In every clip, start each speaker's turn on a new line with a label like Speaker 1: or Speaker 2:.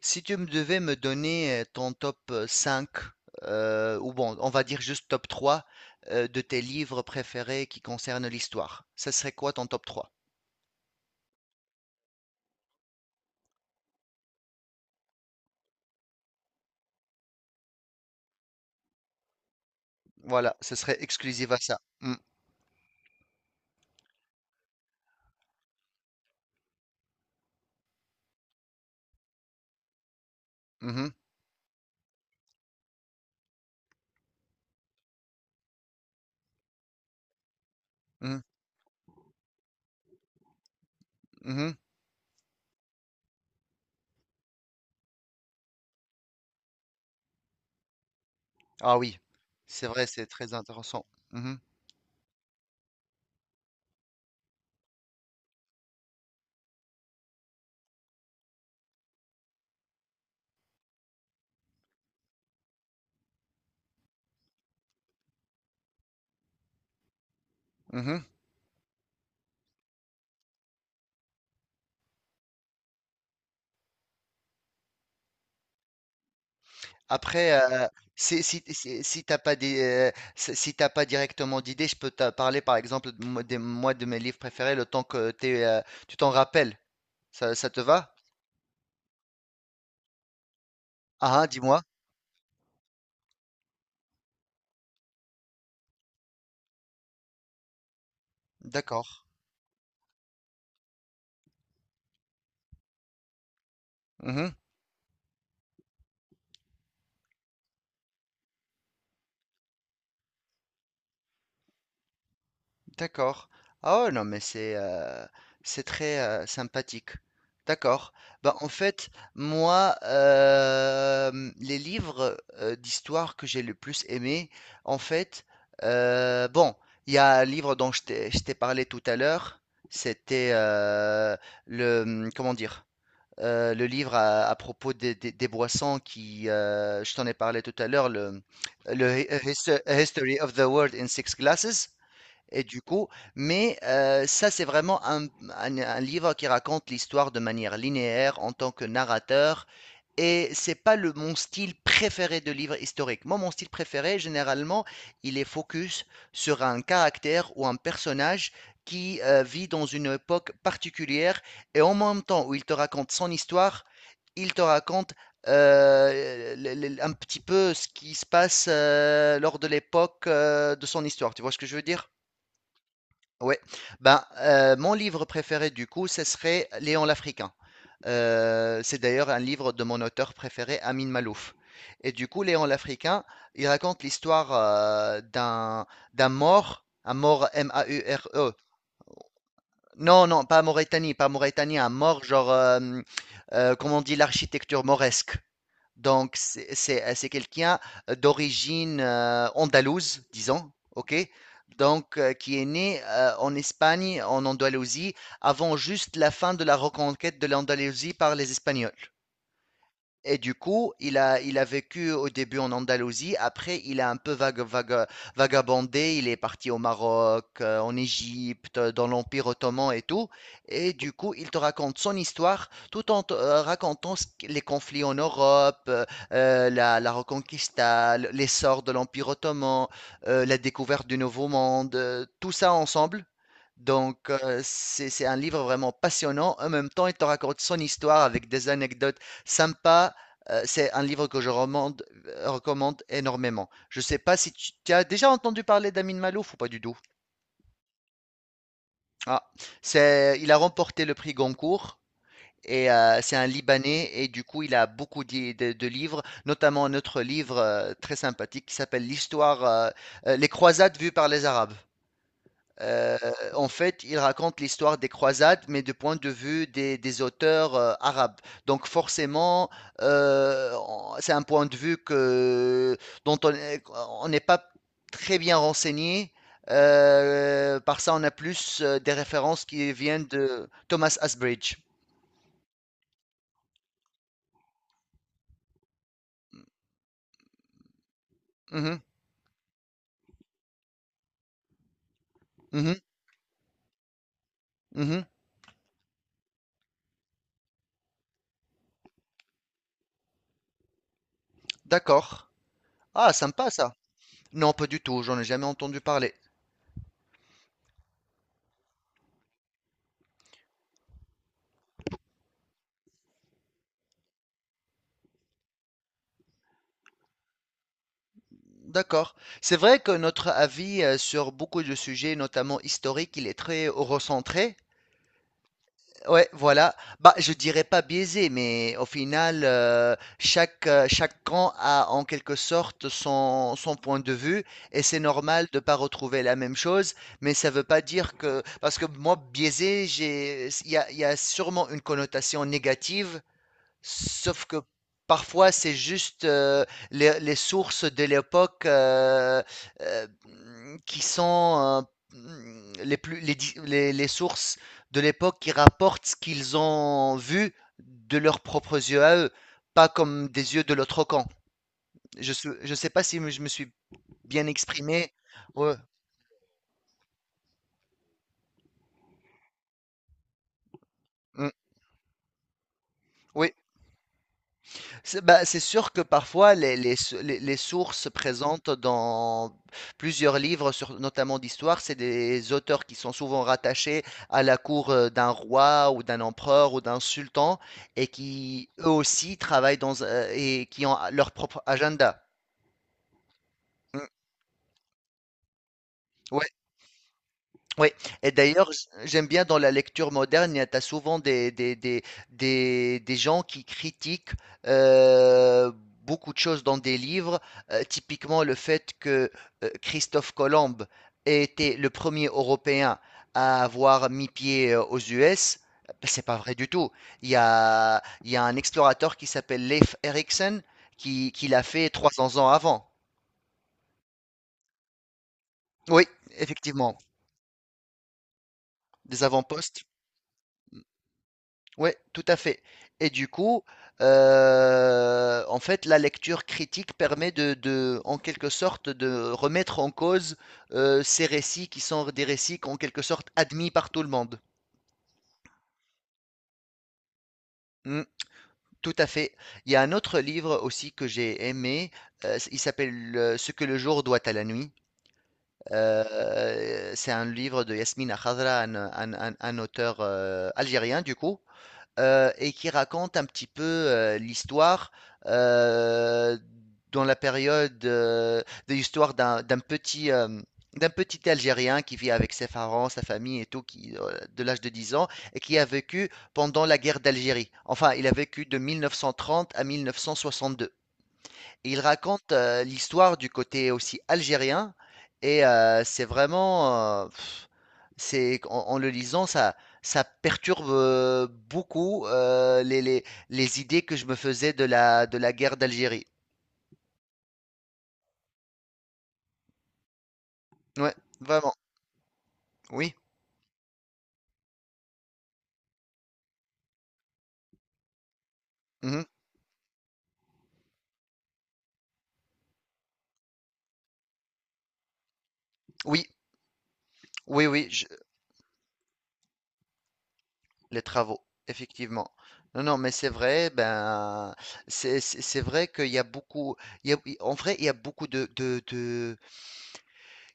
Speaker 1: Si tu me donner ton top 5, ou bon, on va dire juste top 3 de tes livres préférés qui concernent l'histoire, ce serait quoi ton top trois. Voilà, ce serait exclusif à ça. Mm. mhm, mhm, mhm. Ah oui, c'est vrai, c'est très intéressant. Mhm, mhm. Après, si t'as pas si t'as pas directement d'idée, je peux te parler par exemple de, moi moi, de mes livres préférés le temps que tu t'en rappelles. Ça te va? Ah, hein, dis-moi. D'accord. Mhm, d'accord. Ah ouais, non, mais c'est très sympathique. D'accord. Ben en fait, moi, les livres d'histoire que j'ai le plus aimé, en fait, bon, il y a un livre dont je t'ai parlé tout à l'heure, c'était comment dire, le livre à propos des boissons je t'en ai parlé tout à l'heure, le History of the World in Six Glasses. Et du coup, mais ça, c'est vraiment un livre qui raconte l'histoire de manière linéaire en tant que narrateur et c'est pas le mon style préféré de livre historique. Moi, mon style préféré, généralement, il est focus sur un caractère ou un personnage qui vit dans une époque particulière et en même temps où il te raconte son histoire, il te raconte un petit peu ce qui se passe lors de l'époque de son histoire. Tu vois ce que je veux dire? Ouais. Ben, mon livre préféré, du coup, ce serait Léon l'Africain. C'est d'ailleurs un livre de mon auteur préféré, Amin Malouf. Et du coup, Léon l'Africain, il raconte l'histoire d'un mort, un mort M-A-U-R-E. Non, non, pas Mauritanie, pas Mauritanie, un mort genre, comment on dit, l'architecture mauresque. Donc, c'est quelqu'un d'origine andalouse, disons, ok? Donc, qui est né en Espagne, en Andalousie, avant juste la fin de la reconquête de l'Andalousie par les Espagnols. Et du coup, il a vécu au début en Andalousie, après il a un peu vagabondé, il est parti au Maroc, en Égypte, dans l'Empire ottoman et tout. Et du coup, il te raconte son histoire tout en te racontant les conflits en Europe, la Reconquista, l'essor de l'Empire ottoman, la découverte du Nouveau Monde, tout ça ensemble. Donc, c'est un livre vraiment passionnant. En même temps, il te raconte son histoire avec des anecdotes sympas. C'est un livre que je recommande, recommande énormément. Je ne sais pas si tu as déjà entendu parler d'Amin Malouf ou pas du tout. Ah, c'est, il a remporté le prix Goncourt. Et c'est un Libanais et du coup il a beaucoup de livres, notamment notre livre très sympathique qui s'appelle L'histoire, les croisades vues par les Arabes. Euh, en fait, il raconte l'histoire des croisades, mais du point de vue des auteurs arabes. Donc forcément, c'est un point de vue dont on est- on n'est pas très bien renseigné. Par ça, on a plus des références qui viennent de Thomas Asbridge. Mhm, mhm, mhm. D'accord. Ah, sympa ça. Non, pas du tout, j'en ai jamais entendu parler. D'accord. C'est vrai que notre avis sur beaucoup de sujets, notamment historiques, il est très recentré. Ouais, voilà. Bah, je dirais pas biaisé, mais au final, chaque camp a en quelque sorte son point de vue, et c'est normal de pas retrouver la même chose, mais ça veut pas dire que, parce que moi, biaisé, il y a sûrement une connotation négative. Sauf que parfois, c'est juste, les sources de l'époque, mmh, qui sont, mmh, les plus les di les sources de l'époque qui rapportent ce qu'ils ont vu de leurs propres yeux à eux, pas comme des yeux de l'autre camp. Je sais pas si je me suis bien exprimé? Ouais, mmh, oui. C'est bah, c'est sûr que parfois les sources présentes dans plusieurs livres, notamment d'histoire, c'est des auteurs qui sont souvent rattachés à la cour d'un roi ou d'un empereur ou d'un sultan et qui eux aussi travaillent et qui ont leur propre agenda. Ouais. Oui, et d'ailleurs, j'aime bien dans la lecture moderne, tu as souvent des gens qui critiquent euh, beaucoup de choses dans des livres, typiquement le fait que Christophe Colomb ait été le premier Européen à avoir mis pied aux US. Ben, c'est pas vrai du tout. Il y a un explorateur qui s'appelle Leif Erikson qui l'a fait 300 ans avant. Oui, effectivement, des avant-postes. Ouais, tout à fait. Et du coup, en fait, la lecture critique permet en quelque sorte, de remettre en cause ces récits qui sont des récits en quelque sorte admis par tout le monde. Mm, tout à fait. Il y a un autre livre aussi que j'ai aimé. Euh, il s'appelle Ce que le jour doit à la nuit. C'est un livre de Yasmine Khadra, un auteur algérien, du coup. Euh, et qui raconte un petit peu l'histoire euh, dans la période de l'histoire d'un petit Algérien qui vit avec ses parents, sa famille et tout, qui de l'âge de 10 ans et qui a vécu pendant la guerre d'Algérie. Enfin, il a vécu de 1930 à 1962. Et il raconte l'histoire du côté aussi algérien et c'est vraiment, c'est en, en le lisant ça, ça perturbe beaucoup les idées que je me faisais de la guerre d'Algérie. Ouais, vraiment. Oui. mhm. Oui, oui, oui. Les travaux, effectivement. Non, non, mais c'est vrai. Ben, c'est vrai qu'il y a beaucoup. il y a- En vrai, il y a beaucoup de.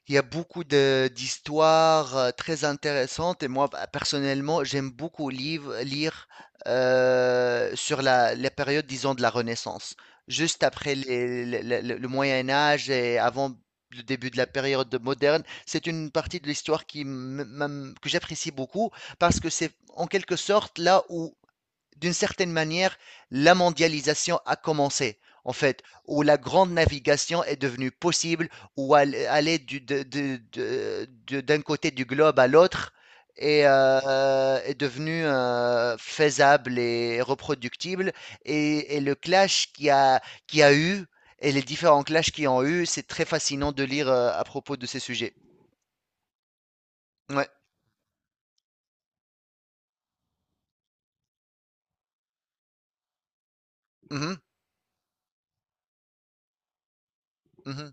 Speaker 1: Il y a beaucoup de d'histoires très intéressantes et moi bah, personnellement j'aime beaucoup lire sur la période disons de la Renaissance, juste après le Moyen Âge et avant le début de la période moderne. C'est une partie de l'histoire que j'apprécie beaucoup parce que c'est en quelque sorte là où d'une certaine manière, la mondialisation a commencé, en fait, où la grande navigation est devenue possible, où aller d'un côté du globe à l'autre est devenu faisable et reproductible. Et le clash qui a eu, et les différents clashs qui ont eu, c'est très fascinant de lire à propos de ces sujets. Ouais. Mhm. Mhm.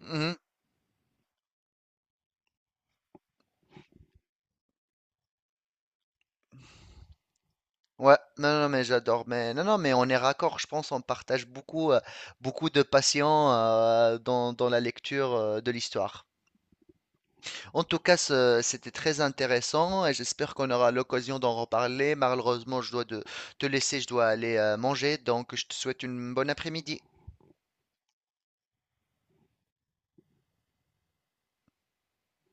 Speaker 1: Mhm. Ouais, non, non, mais j'adore. Mais non, non, mais on est raccord. Je pense on partage beaucoup, beaucoup de passion dans la lecture de l'histoire. En tout cas, c'était très intéressant et j'espère qu'on aura l'occasion d'en reparler. Malheureusement, te laisser, je dois aller manger, donc je te souhaite une bonne après-midi.